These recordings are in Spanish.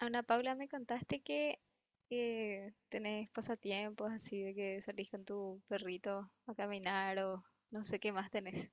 Ana Paula, me contaste que tenés pasatiempos así de que salís con tu perrito a caminar o no sé qué más tenés.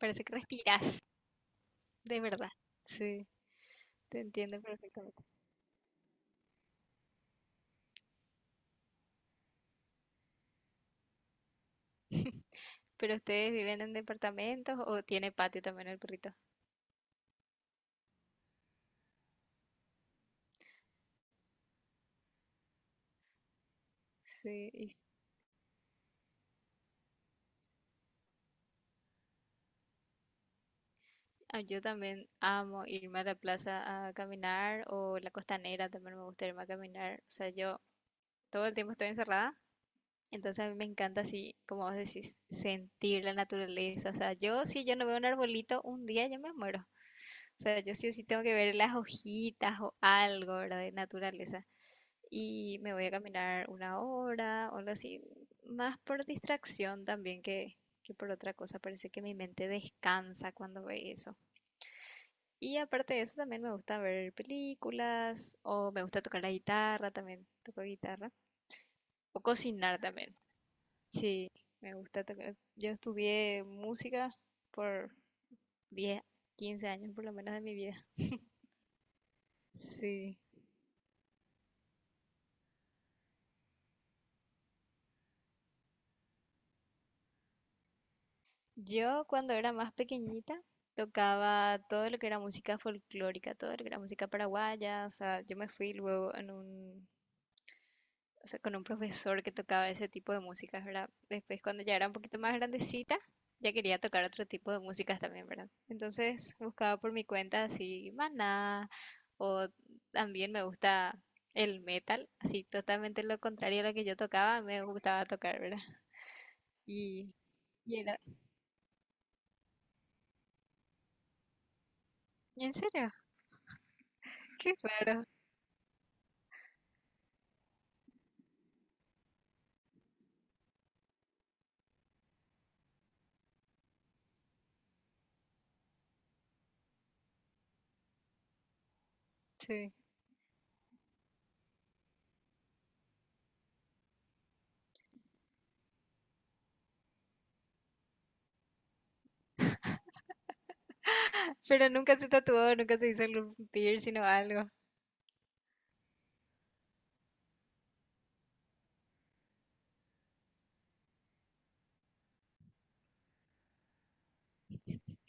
Parece que respirás, de verdad. Sí, te entiendo perfectamente. ¿Pero ustedes viven en departamentos o tiene patio también el perrito? Sí, ah, yo también amo irme a la plaza a caminar o la costanera también me gusta irme a caminar. O sea, yo todo el tiempo estoy encerrada. Entonces a mí me encanta así, como vos decís, sentir la naturaleza. O sea, yo si yo no veo un arbolito, un día yo me muero. O sea, yo sí o sí tengo que ver las hojitas o algo, ¿verdad? De naturaleza. Y me voy a caminar una hora o algo así, más por distracción también que por otra cosa. Parece que mi mente descansa cuando ve eso. Y aparte de eso, también me gusta ver películas o me gusta tocar la guitarra también. Toco guitarra. O cocinar también. Sí, me gusta tocar. Yo estudié música por 10, 15 años por lo menos de mi vida. Sí. Yo cuando era más pequeñita tocaba todo lo que era música folclórica, todo lo que era música paraguaya. O sea, yo me fui luego en un, o sea, con un profesor que tocaba ese tipo de músicas, ¿verdad? Después cuando ya era un poquito más grandecita, ya quería tocar otro tipo de músicas también, ¿verdad? Entonces buscaba por mi cuenta así, Maná. O también me gusta el metal, así totalmente lo contrario a lo que yo tocaba, me gustaba tocar, ¿verdad? Y, y era, ¿En serio? Qué raro, sí. Pero nunca se tatuó, nunca se hizo algún piercing o algo.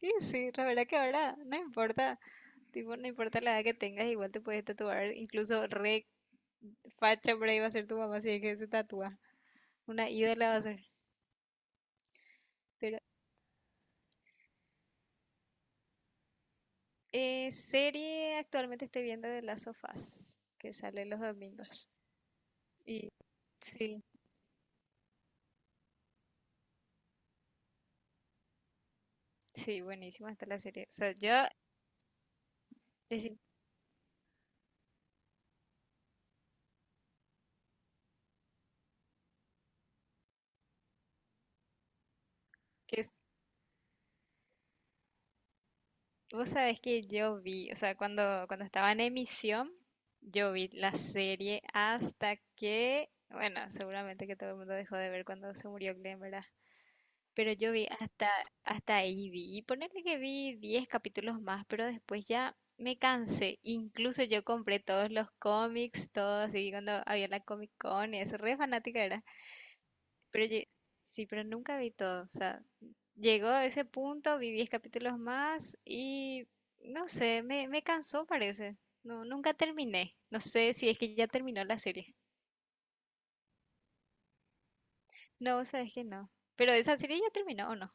Y sí, la verdad que ahora no importa, tipo, no importa la edad que tengas, igual te puedes tatuar, incluso re facha por ahí va a ser tu mamá si es que se tatúa, una ídola va a ser. Pero serie actualmente estoy viendo de las sofás que sale los domingos. Y sí, Sí, buenísima está la serie. O sea, yo, decir que es- vos sabés que yo vi, o sea, cuando estaba en emisión, yo vi la serie hasta que, bueno, seguramente que todo el mundo dejó de ver cuando se murió Glenn, ¿verdad? Pero hasta ahí vi, y ponerle que vi 10 capítulos más, pero después ya me cansé. Incluso yo compré todos los cómics, todos, y cuando había la Comic Con, y eso, re fanática era. Pero yo- sí, pero nunca vi todo, o sea, llegó a ese punto, vi 10 capítulos más y no sé, me cansó parece. No, nunca terminé. No sé si es que ya terminó la serie. No, sabes que no. Pero esa serie ya terminó o no.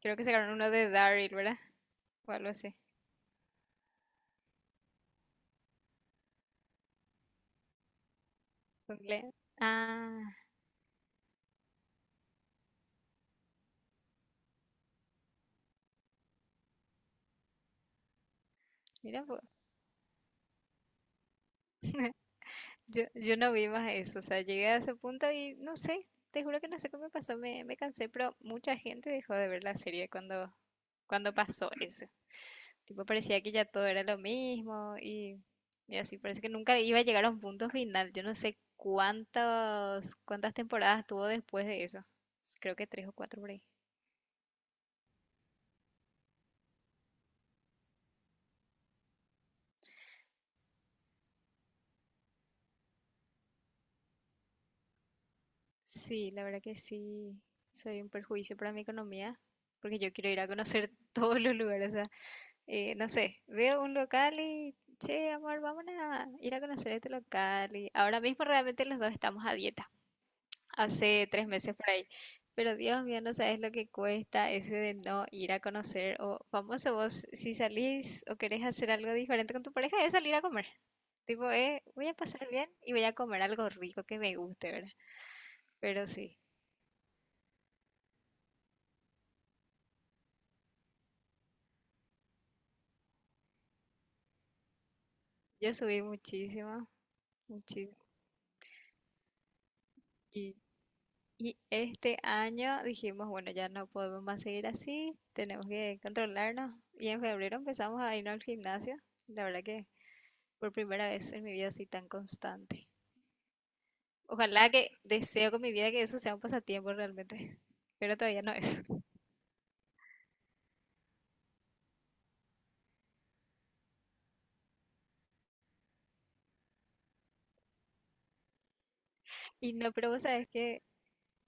Creo que sacaron uno de Daryl, ¿verdad? O algo así. Con Glenn. Ah, mira, vos. Yo no vi más eso. O sea, llegué a ese punto y no sé. Te juro que no sé cómo me pasó. Me cansé, pero mucha gente dejó de ver la serie cuando pasó eso. Tipo, parecía que ya todo era lo mismo y así, parece que nunca iba a llegar a un punto final. Yo no sé cuántas temporadas tuvo después de eso. Creo que 3 o 4 por ahí. Sí, la verdad que sí, soy un perjuicio para mi economía, porque yo quiero ir a conocer todos los lugares. O sea, no sé, veo un local y, che, amor, vamos a ir a conocer este local. Y ahora mismo realmente los dos estamos a dieta. Hace 3 meses por ahí. Pero Dios mío, no sabes lo que cuesta ese de no ir a conocer. O famoso vos, si salís o querés hacer algo diferente con tu pareja, es salir a comer. Tipo, voy a pasar bien y voy a comer algo rico que me guste, ¿verdad? Pero sí, yo subí muchísimo, muchísimo. Y, y este año dijimos, bueno, ya no podemos más seguir así, tenemos que controlarnos. Y en febrero empezamos a irnos al gimnasio. La verdad que por primera vez en mi vida así tan constante. Ojalá que deseo con mi vida que eso sea un pasatiempo realmente, pero todavía no es. Y no, pero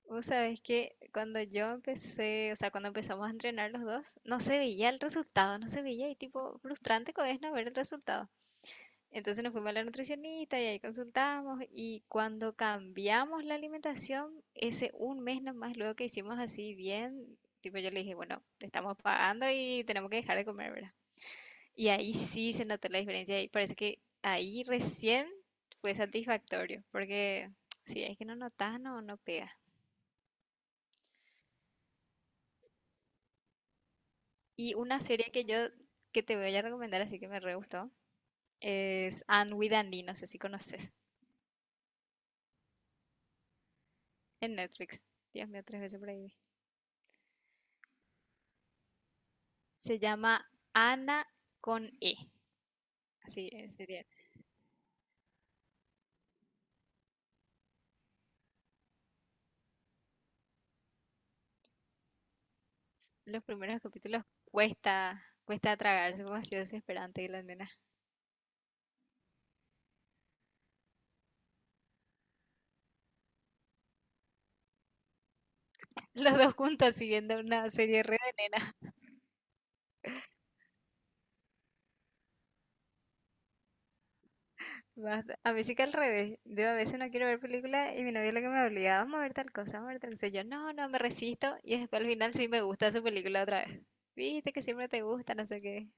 vos sabés que cuando yo empecé, o sea, cuando empezamos a entrenar los dos, no se veía el resultado, no se veía y tipo frustrante que es no ver el resultado. Entonces nos fuimos a la nutricionista y ahí consultamos y cuando cambiamos la alimentación, ese un mes nomás luego que hicimos así bien, tipo yo le dije, bueno, te estamos pagando y tenemos que dejar de comer, ¿verdad? Y ahí sí se notó la diferencia y parece que ahí recién fue satisfactorio, porque si es que no notas, no pega. Y una serie que te voy a recomendar, así que me re gustó, es Anne with an E, no sé si conoces, en Netflix. Dios mío, 3 veces por ahí. Vi. Se llama Ana con E, así en serio. Los primeros capítulos cuesta, cuesta tragarse, como ha sido desesperante la nena. Los dos juntos siguiendo una serie re de nena. Basta. A mí sí que al revés. Yo a veces no quiero ver películas y mi novio lo que me obligaba, vamos a ver tal cosa, vamos a ver tal cosa. Yo, no, me resisto. Y después al final sí me gusta su película otra vez. Viste que siempre te gusta, no sé qué.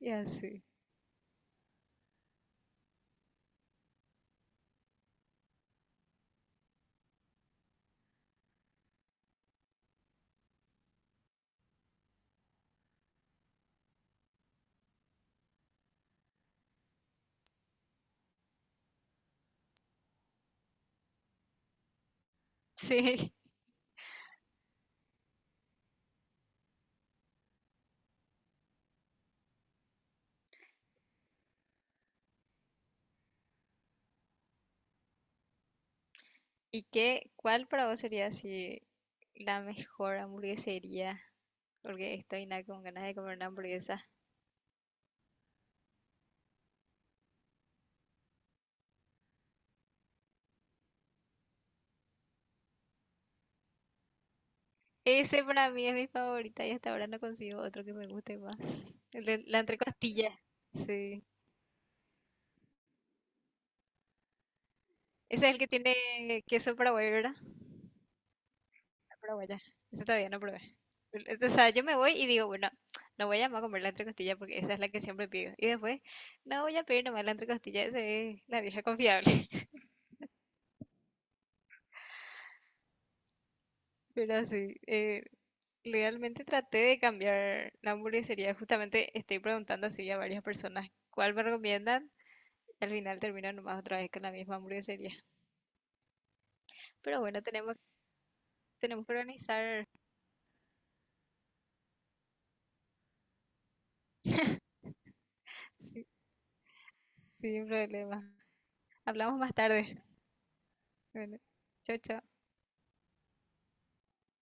Y así. Sí. ¿Y qué, cuál para vos sería así la mejor hamburguesería? Porque estoy nada con ganas de comer una hamburguesa. Ese para mí es mi favorita y hasta ahora no consigo otro que me guste más. La entrecostilla. Sí. Ese es el que tiene queso para, ¿verdad? Pero bueno, eso todavía no probé. O sea, yo me voy y digo, bueno, no voy a llamar a comer la entrecostilla porque esa es la que siempre pido. Y después, no voy a pedir nomás la entrecostilla, esa es la vieja confiable. Pero sí, realmente traté de cambiar la hamburguesería. Justamente estoy preguntando así a varias personas cuál me recomiendan. Al final terminan nomás otra vez con la misma hamburguesería. Pero bueno, tenemos que organizar. Sí, sin problema. Hablamos más tarde. Bueno, chao, chao.